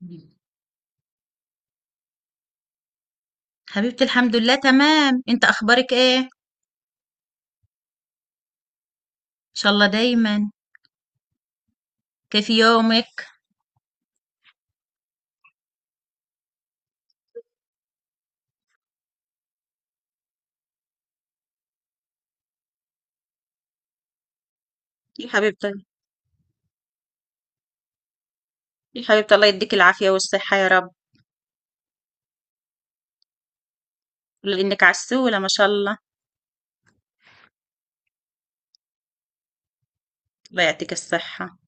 مم. حبيبتي الحمد لله تمام، انت اخبارك ايه؟ ان شاء الله دايما. كيف يومك؟ يا حبيبتي يا حبيبتي الله يديك العافية والصحة يا رب. لأنك عسولة ما شاء الله. الله يعطيك الصحة.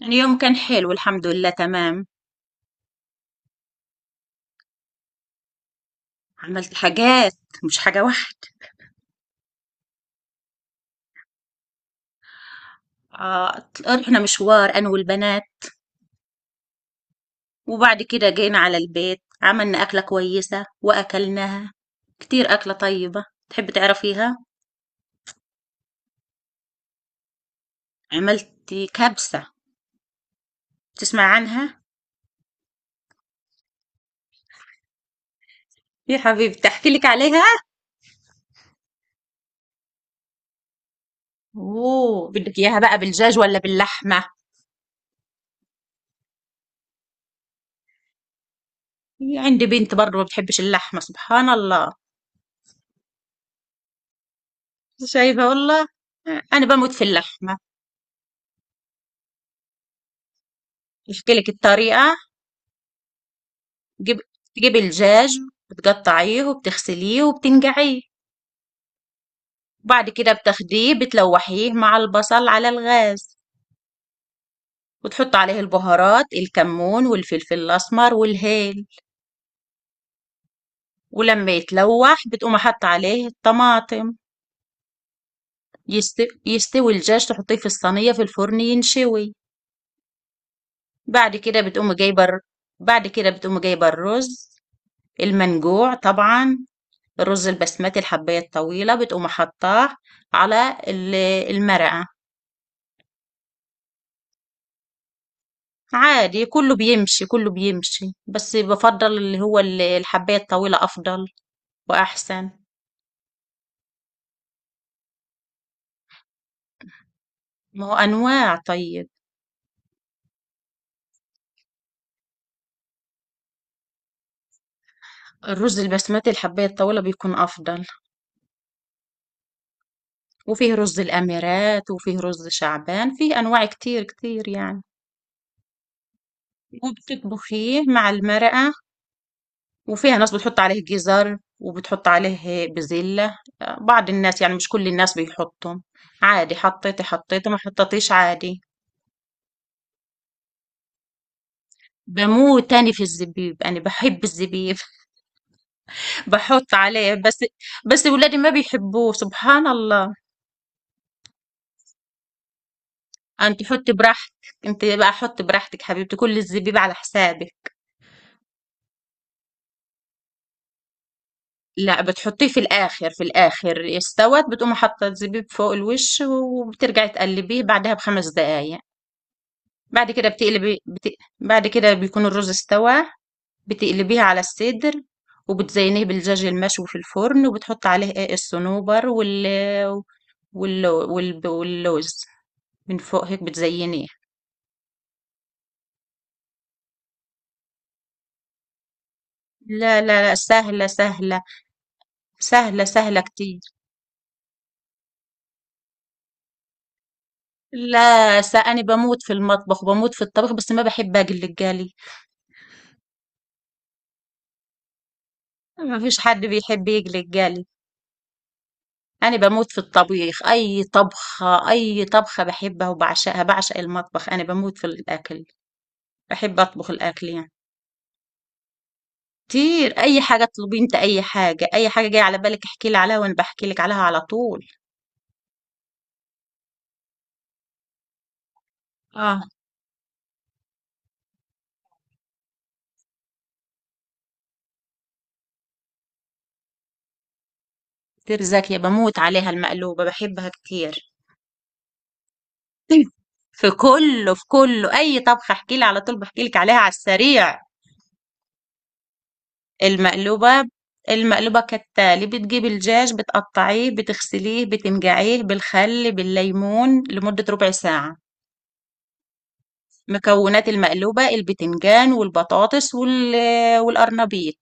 يعني يوم كان حلو، الحمد لله تمام. عملت حاجات، مش حاجة واحدة. آه، رحنا مشوار أنا والبنات، وبعد كده جينا على البيت عملنا أكلة كويسة وأكلناها كتير. أكلة طيبة، تحب تعرفيها؟ عملت كبسة، تسمع عنها؟ يا حبيبتي احكي لك عليها. اوه، بدك اياها بقى بالدجاج ولا باللحمه؟ هي عندي بنت برضه ما بتحبش اللحمه، سبحان الله. شايفه والله؟ انا بموت في اللحمه. احكي لك الطريقه. تجيب تجيب الدجاج، بتقطعيه وبتغسليه وبتنقعيه. وبعد كده بتاخديه بتلوحيه مع البصل على الغاز، وتحط عليه البهارات، الكمون والفلفل الاسمر والهيل. ولما يتلوح بتقوم حط عليه الطماطم. يستوي الدجاج، تحطيه في الصينية في الفرن ينشوي. بعد كده بتقوم جايبة الر- بعد كده بتقوم جايبة الرز، المنجوع طبعا، الرز البسمتي الحباية الطويلة، بتقوم حطاه على المرقة. عادي كله بيمشي، كله بيمشي، بس بفضل اللي هو الحباية الطويلة أفضل وأحسن. ما هو أنواع، طيب، الرز البسمتي الحباية الطويلة بيكون أفضل. وفيه رز الأميرات وفيه رز شعبان، فيه أنواع كتير كتير يعني. وبتطبخيه مع المرقة، وفيها ناس بتحط عليه جزر وبتحط عليه بزلة. بعض الناس يعني، مش كل الناس بيحطهم. عادي، حطيتي حطيتي ما حطيتيش، عادي. بموت تاني في الزبيب، انا بحب الزبيب. بحط عليه بس. بس ولادي ما بيحبوه، سبحان الله. انت حطي براحتك، انت بقى حطي براحتك حبيبتي، كل الزبيب على حسابك. لا، بتحطيه في الاخر. في الاخر استوت بتقوم حاطه الزبيب فوق الوش، وبترجعي تقلبيه بعدها بخمس دقايق. بعد كده بتقلبي بت... بعد كده بيكون الرز استوى. بتقلبيها على الصدر، وبتزينيه بالدجاج المشوي في الفرن وبتحط عليه، ايه، الصنوبر واللوز من فوق هيك بتزينيه. لا، لا، لا، سهلة سهلة. سهلة سهلة كتير. لا، أنا بموت في المطبخ وبموت في الطبخ، بس ما بحب أقلي الجالي. ما فيش حد بيحب يقلي الجالي. أنا بموت في الطبيخ، أي طبخة أي طبخة بحبها وبعشقها، بعشق المطبخ، أنا بموت في الأكل. بحب اطبخ الاكل يعني كتير. اي حاجه اطلبي انت، اي حاجه اي حاجه جايه على بالك احكي لي عليها، وانا بحكي لك عليها على طول. اه، كتير زاكيه، بموت عليها المقلوبه، بحبها كتير. في كله، في كله، اي طبخه احكي لي على طول بحكي لك عليها على السريع. المقلوبه، المقلوبه كالتالي: بتجيبي الدجاج بتقطعيه بتغسليه بتنقعيه بالخل بالليمون لمده ربع ساعه. مكونات المقلوبه: البتنجان والبطاطس والقرنبيط،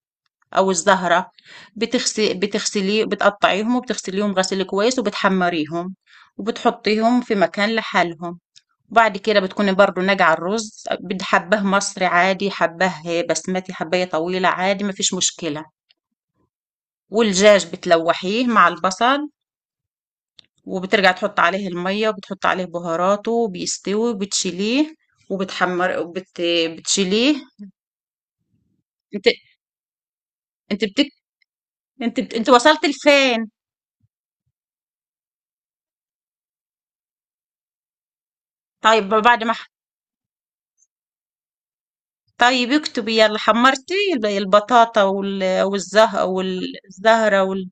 أو الزهرة. بتغسليه، بتقطعيهم وبتغسليهم غسيل كويس، وبتحمريهم، وبتحطيهم في مكان لحالهم. وبعد كده بتكوني برضو ناجعة الرز، بدي حباه مصري عادي، حباه بسمتي حباية طويلة، عادي مفيش مشكلة. والدجاج بتلوحيه مع البصل، وبترجع تحط عليه المية وبتحط عليه بهاراته وبيستوي وبتشيليه، وبتحمر بتشيليه. انت انت بتك... انت بت... انت وصلت لفين؟ طيب بعد ما طيب اكتبي يلا، حمرتي البطاطا والزهرة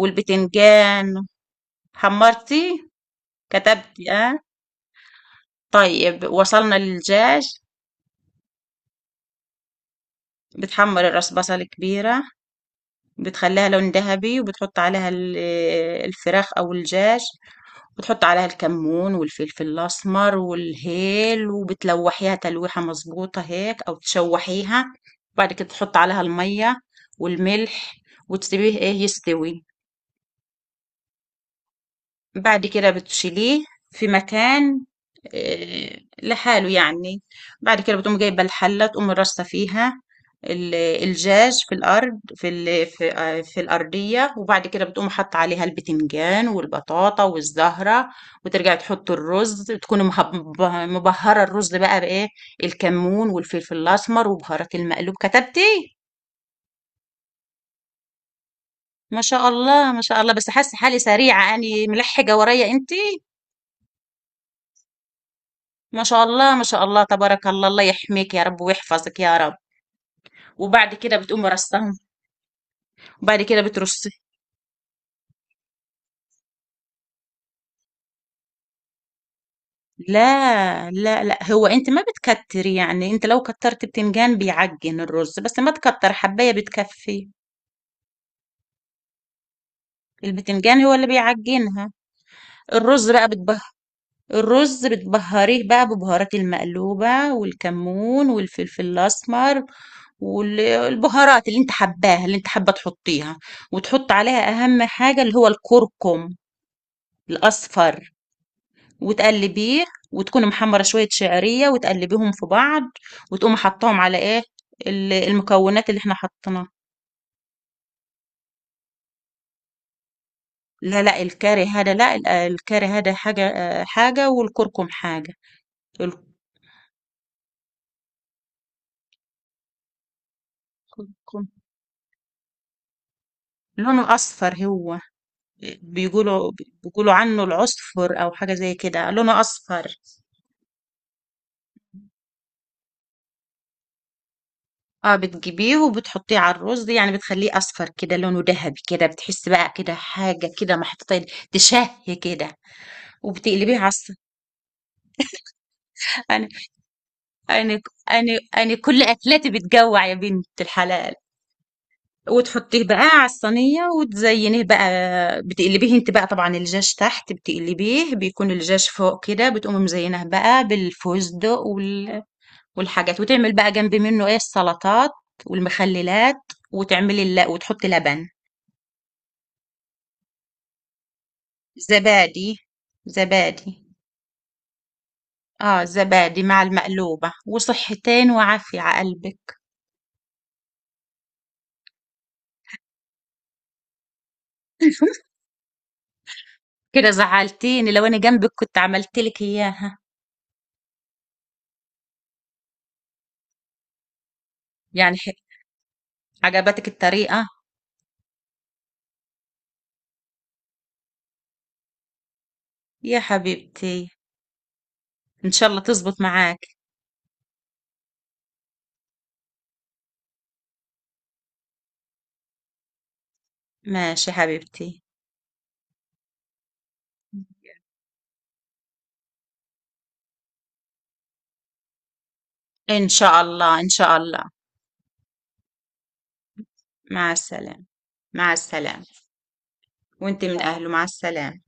والبتنجان، حمرتي، كتبتي اه. طيب وصلنا للدجاج. بتحمر الراس بصل كبيرة، بتخليها لون ذهبي، وبتحط عليها الفراخ او الدجاج. وتحط عليها الكمون والفلفل الاسمر والهيل، وبتلوحيها تلويحة مظبوطة هيك او تشوحيها. وبعد كده تحط عليها المية والملح، وتسيبيه، ايه، يستوي. بعد كده بتشيليه في مكان، لحاله يعني. بعد كده بتقوم جايبة الحلة، تقوم رصة فيها الجاج في الأرض، في في الأرضية. وبعد كده بتقوم حاطة عليها البتنجان والبطاطا والزهرة. وترجع تحط الرز، تكون مبهرة الرز بقى بإيه، الكمون والفلفل الأسمر وبهارات المقلوب. كتبتي؟ ما شاء الله، ما شاء الله، بس حاسة حالي سريعة يعني، ملحقة ورايا انت؟ ما شاء الله، ما شاء الله، تبارك الله، الله يحميك يا رب ويحفظك يا رب. وبعد كده بتقومي رصهم، وبعد كده بترصي. لا، لا، لا، هو انت ما بتكتري يعني. انت لو كترت بتنجان بيعجن الرز، بس ما تكتر، حباية بتكفي. البتنجان هو اللي بيعجنها. الرز بقى بتبه الرز بتبهريه بقى ببهارات المقلوبة، والكمون والفلفل الأسمر، والبهارات اللي انت حباها، اللي انت حابة تحطيها. وتحط عليها أهم حاجة اللي هو الكركم الأصفر، وتقلبيه. وتكوني محمرة شوية شعرية وتقلبيهم في بعض. وتقومي حطاهم على، ايه، المكونات اللي احنا حطيناها. لا، لا، الكاري هذا، لا، الكاري هذا حاجة، حاجة، والكركم حاجة. الكركم لونه أصفر هو، بيقولوا بيقولوا عنه العصفر أو حاجة زي كده، لونه أصفر. اه، بتجيبيه وبتحطيه على الرز يعني، بتخليه اصفر كده لونه ذهبي كده، بتحس بقى كده حاجه كده محطوطه، تشهي كده. وبتقلبيه على الص- انا انا انا كل اكلاتي بتجوع يا بنت الحلال. وتحطيه بقى على الصينيه وتزينيه بقى. بتقلبيه انت بقى طبعا الجاج تحت، بتقلبيه بيكون الجاج فوق كده، بتقومي مزينه بقى بالفستق والحاجات. وتعمل بقى جنب منه، ايه، السلطات والمخللات، وتعملي وتحطي لبن. زبادي، زبادي، اه، زبادي مع المقلوبة، وصحتين وعافية على قلبك. كده زعلتيني، لو انا جنبك كنت عملت لك اياها. يعني ح- عجبتك الطريقة؟ يا حبيبتي، ان شاء الله تزبط معاك. ماشي حبيبتي، ان شاء الله، ان شاء الله. مع السلامة. مع السلامة. وانت من اهله، مع السلامة.